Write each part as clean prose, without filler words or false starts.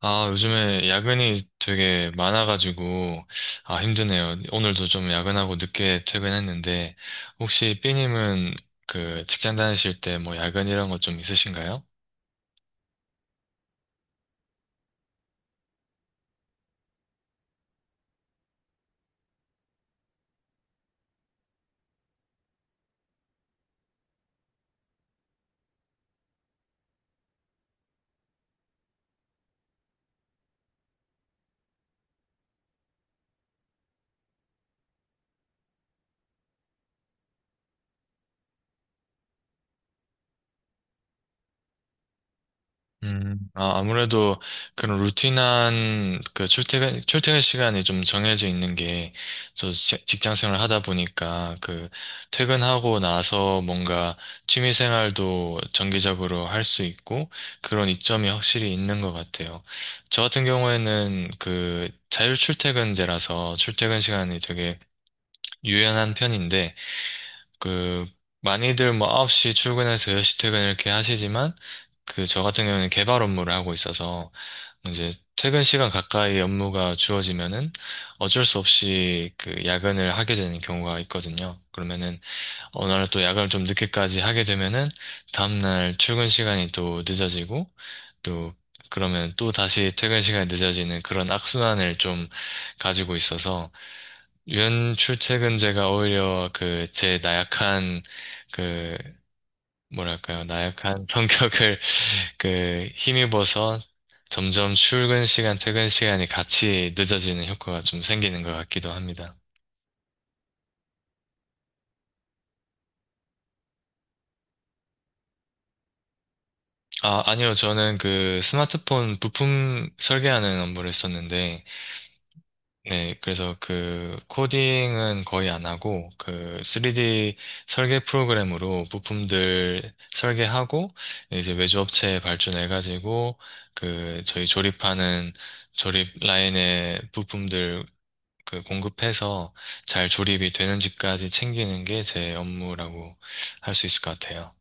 아, 요즘에 야근이 되게 많아가지고, 아, 힘드네요. 오늘도 좀 야근하고 늦게 퇴근했는데, 혹시 삐님은 그 직장 다니실 때 뭐 야근 이런 거 좀 있으신가요? 아, 아무래도 그런 루틴한 그 출퇴근 시간이 좀 정해져 있는 게, 저 직장 생활을 하다 보니까 그 퇴근하고 나서 뭔가 취미 생활도 정기적으로 할 수 있고, 그런 이점이 확실히 있는 것 같아요. 저 같은 경우에는 그 자율 출퇴근제라서 출퇴근 시간이 되게 유연한 편인데, 그 많이들 뭐 9시 출근해서 10시 퇴근 이렇게 하시지만, 그 저 같은 경우는 개발 업무를 하고 있어서 이제 퇴근 시간 가까이 업무가 주어지면은 어쩔 수 없이 그 야근을 하게 되는 경우가 있거든요. 그러면은 어느 날 또 야근을 좀 늦게까지 하게 되면은 다음날 출근 시간이 또 늦어지고 또 그러면 또 다시 퇴근 시간이 늦어지는 그런 악순환을 좀 가지고 있어서 연 출퇴근제가 오히려 그 제 나약한 그 뭐랄까요 나약한 성격을 그 힘입어서 점점 출근 시간, 퇴근 시간이 같이 늦어지는 효과가 좀 생기는 것 같기도 합니다. 아, 아니요. 저는 그 스마트폰 부품 설계하는 업무를 했었는데, 네, 그래서 그 코딩은 거의 안 하고, 그 3D 설계 프로그램으로 부품들 설계하고, 이제 외주업체에 발주해가지고, 그 저희 조립하는 조립 라인의 부품들 그 공급해서 잘 조립이 되는지까지 챙기는 게 제 업무라고 할 수 있을 것 같아요.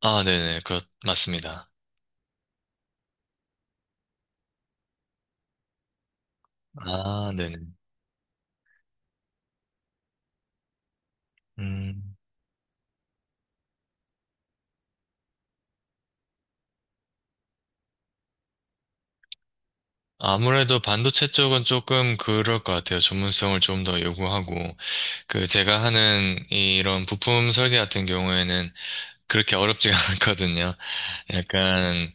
아, 네네. 그, 맞습니다. 아, 네네. 음. 아무래도 반도체 쪽은 조금 그럴 것 같아요. 전문성을 좀 더 요구하고. 그, 제가 하는 이런 부품 설계 같은 경우에는 그렇게 어렵지가 않거든요. 약간,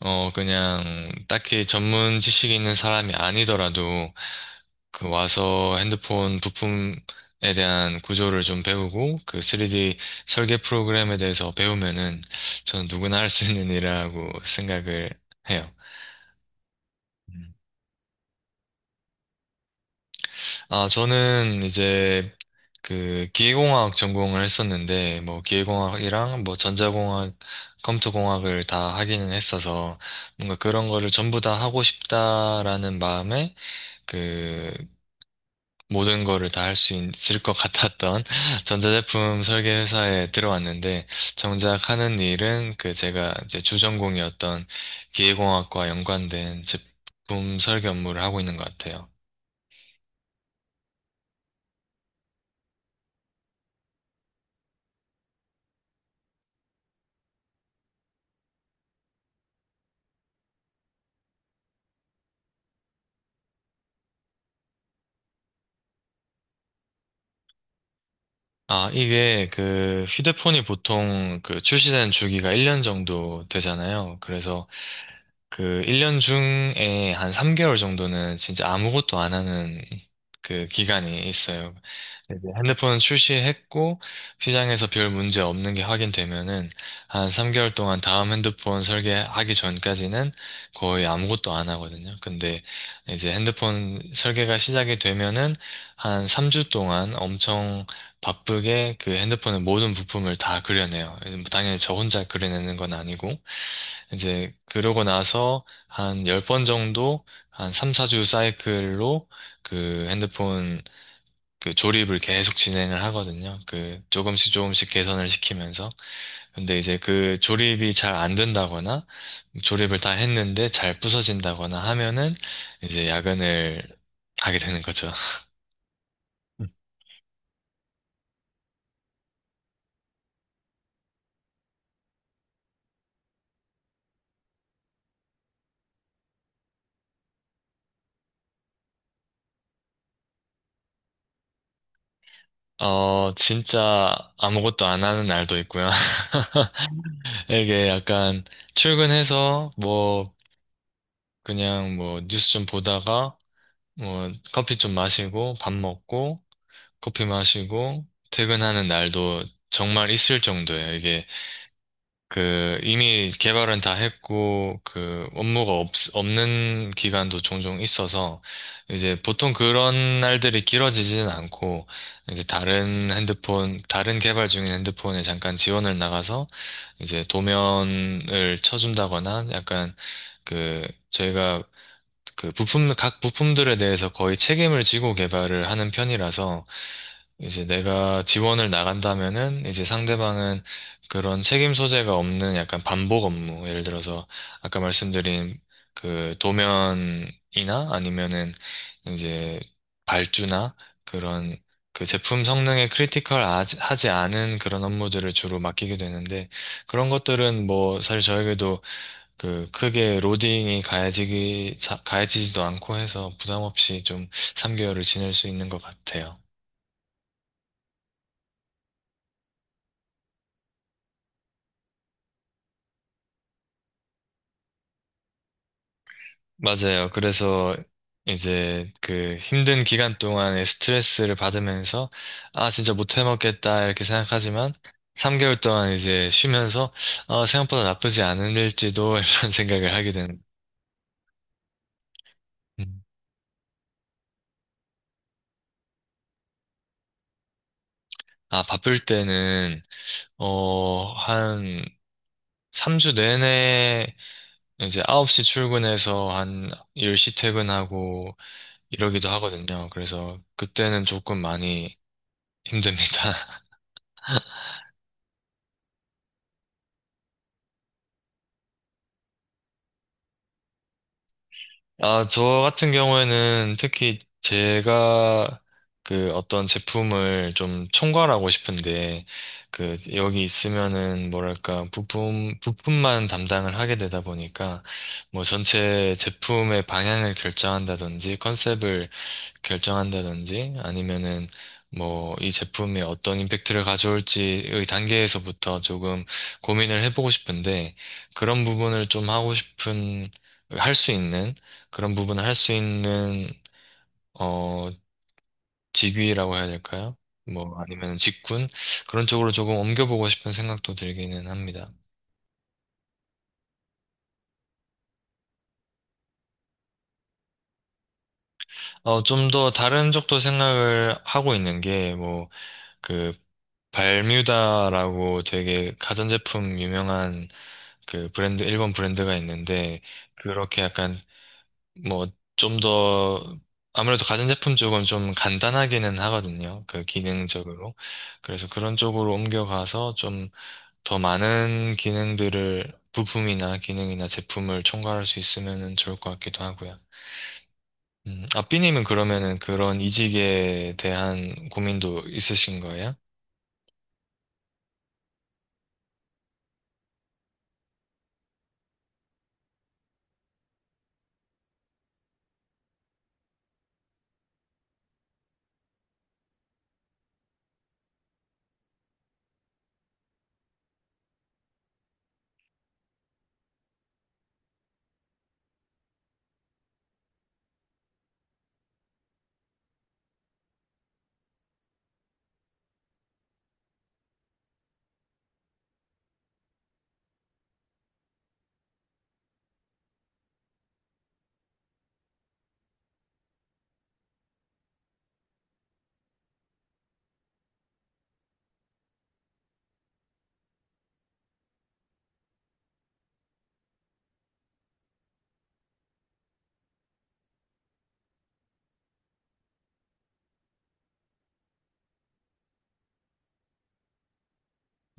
그냥 딱히 전문 지식이 있는 사람이 아니더라도 그 와서 핸드폰 부품에 대한 구조를 좀 배우고 그 3D 설계 프로그램에 대해서 배우면은 저는 누구나 할 수 있는 일이라고 생각을 해요. 음. 아, 저는 이제 그 기계공학 전공을 했었는데 뭐 기계공학이랑 뭐 전자공학, 컴퓨터공학을 다 하기는 했어서 뭔가 그런 거를 전부 다 하고 싶다라는 마음에 그 모든 거를 다 할 수 있을 것 같았던 전자제품 설계 회사에 들어왔는데 정작 하는 일은 그 제가 이제 주전공이었던 기계공학과 연관된 제품 설계 업무를 하고 있는 것 같아요. 아, 이게 그 휴대폰이 보통 그 출시된 주기가 1년 정도 되잖아요. 그래서 그 1년 중에 한 3개월 정도는 진짜 아무것도 안 하는 그 기간이 있어요. 이제 핸드폰 출시했고 시장에서 별 문제 없는 게 확인되면은 한 3개월 동안 다음 핸드폰 설계하기 전까지는 거의 아무것도 안 하거든요. 근데 이제 핸드폰 설계가 시작이 되면은 한 3주 동안 엄청 바쁘게 그 핸드폰의 모든 부품을 다 그려내요. 당연히 저 혼자 그려내는 건 아니고 이제 그러고 나서 한 10번 정도 한 3, 4주 사이클로 그 핸드폰 그 조립을 계속 진행을 하거든요. 그 조금씩 조금씩 개선을 시키면서. 근데 이제 그 조립이 잘 안 된다거나 조립을 다 했는데 잘 부서진다거나 하면은 이제 야근을 하게 되는 거죠. 음. 진짜 아무것도 안 하는 날도 있고요. 이게 약간 출근해서 뭐 그냥 뭐 뉴스 좀 보다가 뭐 커피 좀 마시고 밥 먹고 커피 마시고 퇴근하는 날도 정말 있을 정도예요. 이게 그 이미 개발은 다 했고 그 업무가 없는 기간도 종종 있어서 이제 보통 그런 날들이 길어지지는 않고 이제 다른 핸드폰 다른 개발 중인 핸드폰에 잠깐 지원을 나가서 이제 도면을 쳐준다거나 약간 그 저희가 그 부품, 각 부품들에 대해서 거의 책임을 지고 개발을 하는 편이라서 이제 내가 지원을 나간다면은 이제 상대방은 그런 책임 소재가 없는 약간 반복 업무. 예를 들어서 아까 말씀드린 그 도면이나 아니면은 이제 발주나 그런 그 제품 성능에 크리티컬하지 않은 그런 업무들을 주로 맡기게 되는데 그런 것들은 뭐 사실 저에게도 그 크게 로딩이 가해지지도 않고 해서 부담 없이 좀 3개월을 지낼 수 있는 것 같아요. 맞아요. 그래서 이제 그 힘든 기간 동안에 스트레스를 받으면서 아 진짜 못 해먹겠다 이렇게 생각하지만 3개월 동안 이제 쉬면서 생각보다 나쁘지 않을지도 이런 생각을 하게 되는. 음. 아 바쁠 때는 한 3주 내내 이제 9시 출근해서 한 10시 퇴근하고 이러기도 하거든요. 그래서 그때는 조금 많이 힘듭니다. 아, 저 같은 경우에는 특히 제가 그 어떤 제품을 좀 총괄하고 싶은데 그 여기 있으면은 뭐랄까 부품 부품만 담당을 하게 되다 보니까 뭐 전체 제품의 방향을 결정한다든지 컨셉을 결정한다든지 아니면은 뭐 이 제품이 어떤 임팩트를 가져올지의 단계에서부터 조금 고민을 해보고 싶은데 그런 부분을 좀 하고 싶은 할 수 있는 그런 부분을 할 수 있는 어 직위라고 해야 될까요? 뭐 아니면 직군 그런 쪽으로 조금 옮겨보고 싶은 생각도 들기는 합니다. 좀 더 다른 쪽도 생각을 하고 있는 게뭐그 발뮤다라고 되게 가전제품 유명한 그 브랜드, 일본 브랜드가 있는데, 그렇게 약간, 뭐, 좀 더, 아무래도 가전제품 쪽은 좀 간단하기는 하거든요. 그 기능적으로. 그래서 그런 쪽으로 옮겨가서 좀 더 많은 기능들을, 부품이나 기능이나 제품을 총괄할 수 있으면 좋을 것 같기도 하고요. 아삐님은 그러면은 그런 이직에 대한 고민도 있으신 거예요?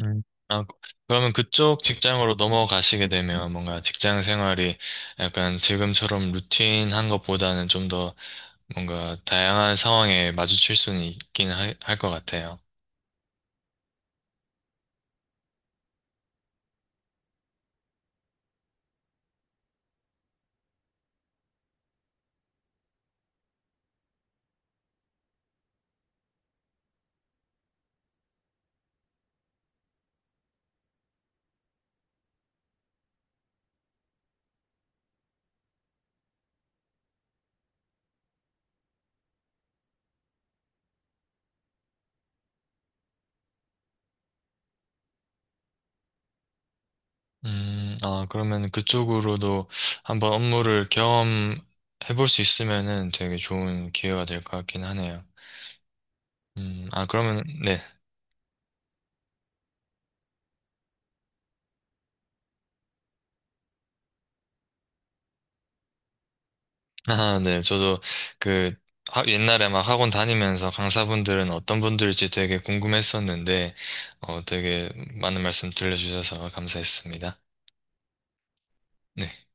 음. 아, 그러면 그쪽 직장으로 넘어가시게 되면 뭔가 직장 생활이 약간 지금처럼 루틴한 것보다는 좀 더 뭔가 다양한 상황에 마주칠 수는 있긴 할 것 같아요. 아, 그러면 그쪽으로도 한번 업무를 경험해 볼 수 있으면은 되게 좋은 기회가 될 것 같긴 하네요. 아, 그러면, 네. 아, 네. 저도 그 옛날에 막 학원 다니면서 강사분들은 어떤 분들일지 되게 궁금했었는데, 어, 되게 많은 말씀 들려주셔서 감사했습니다. 네.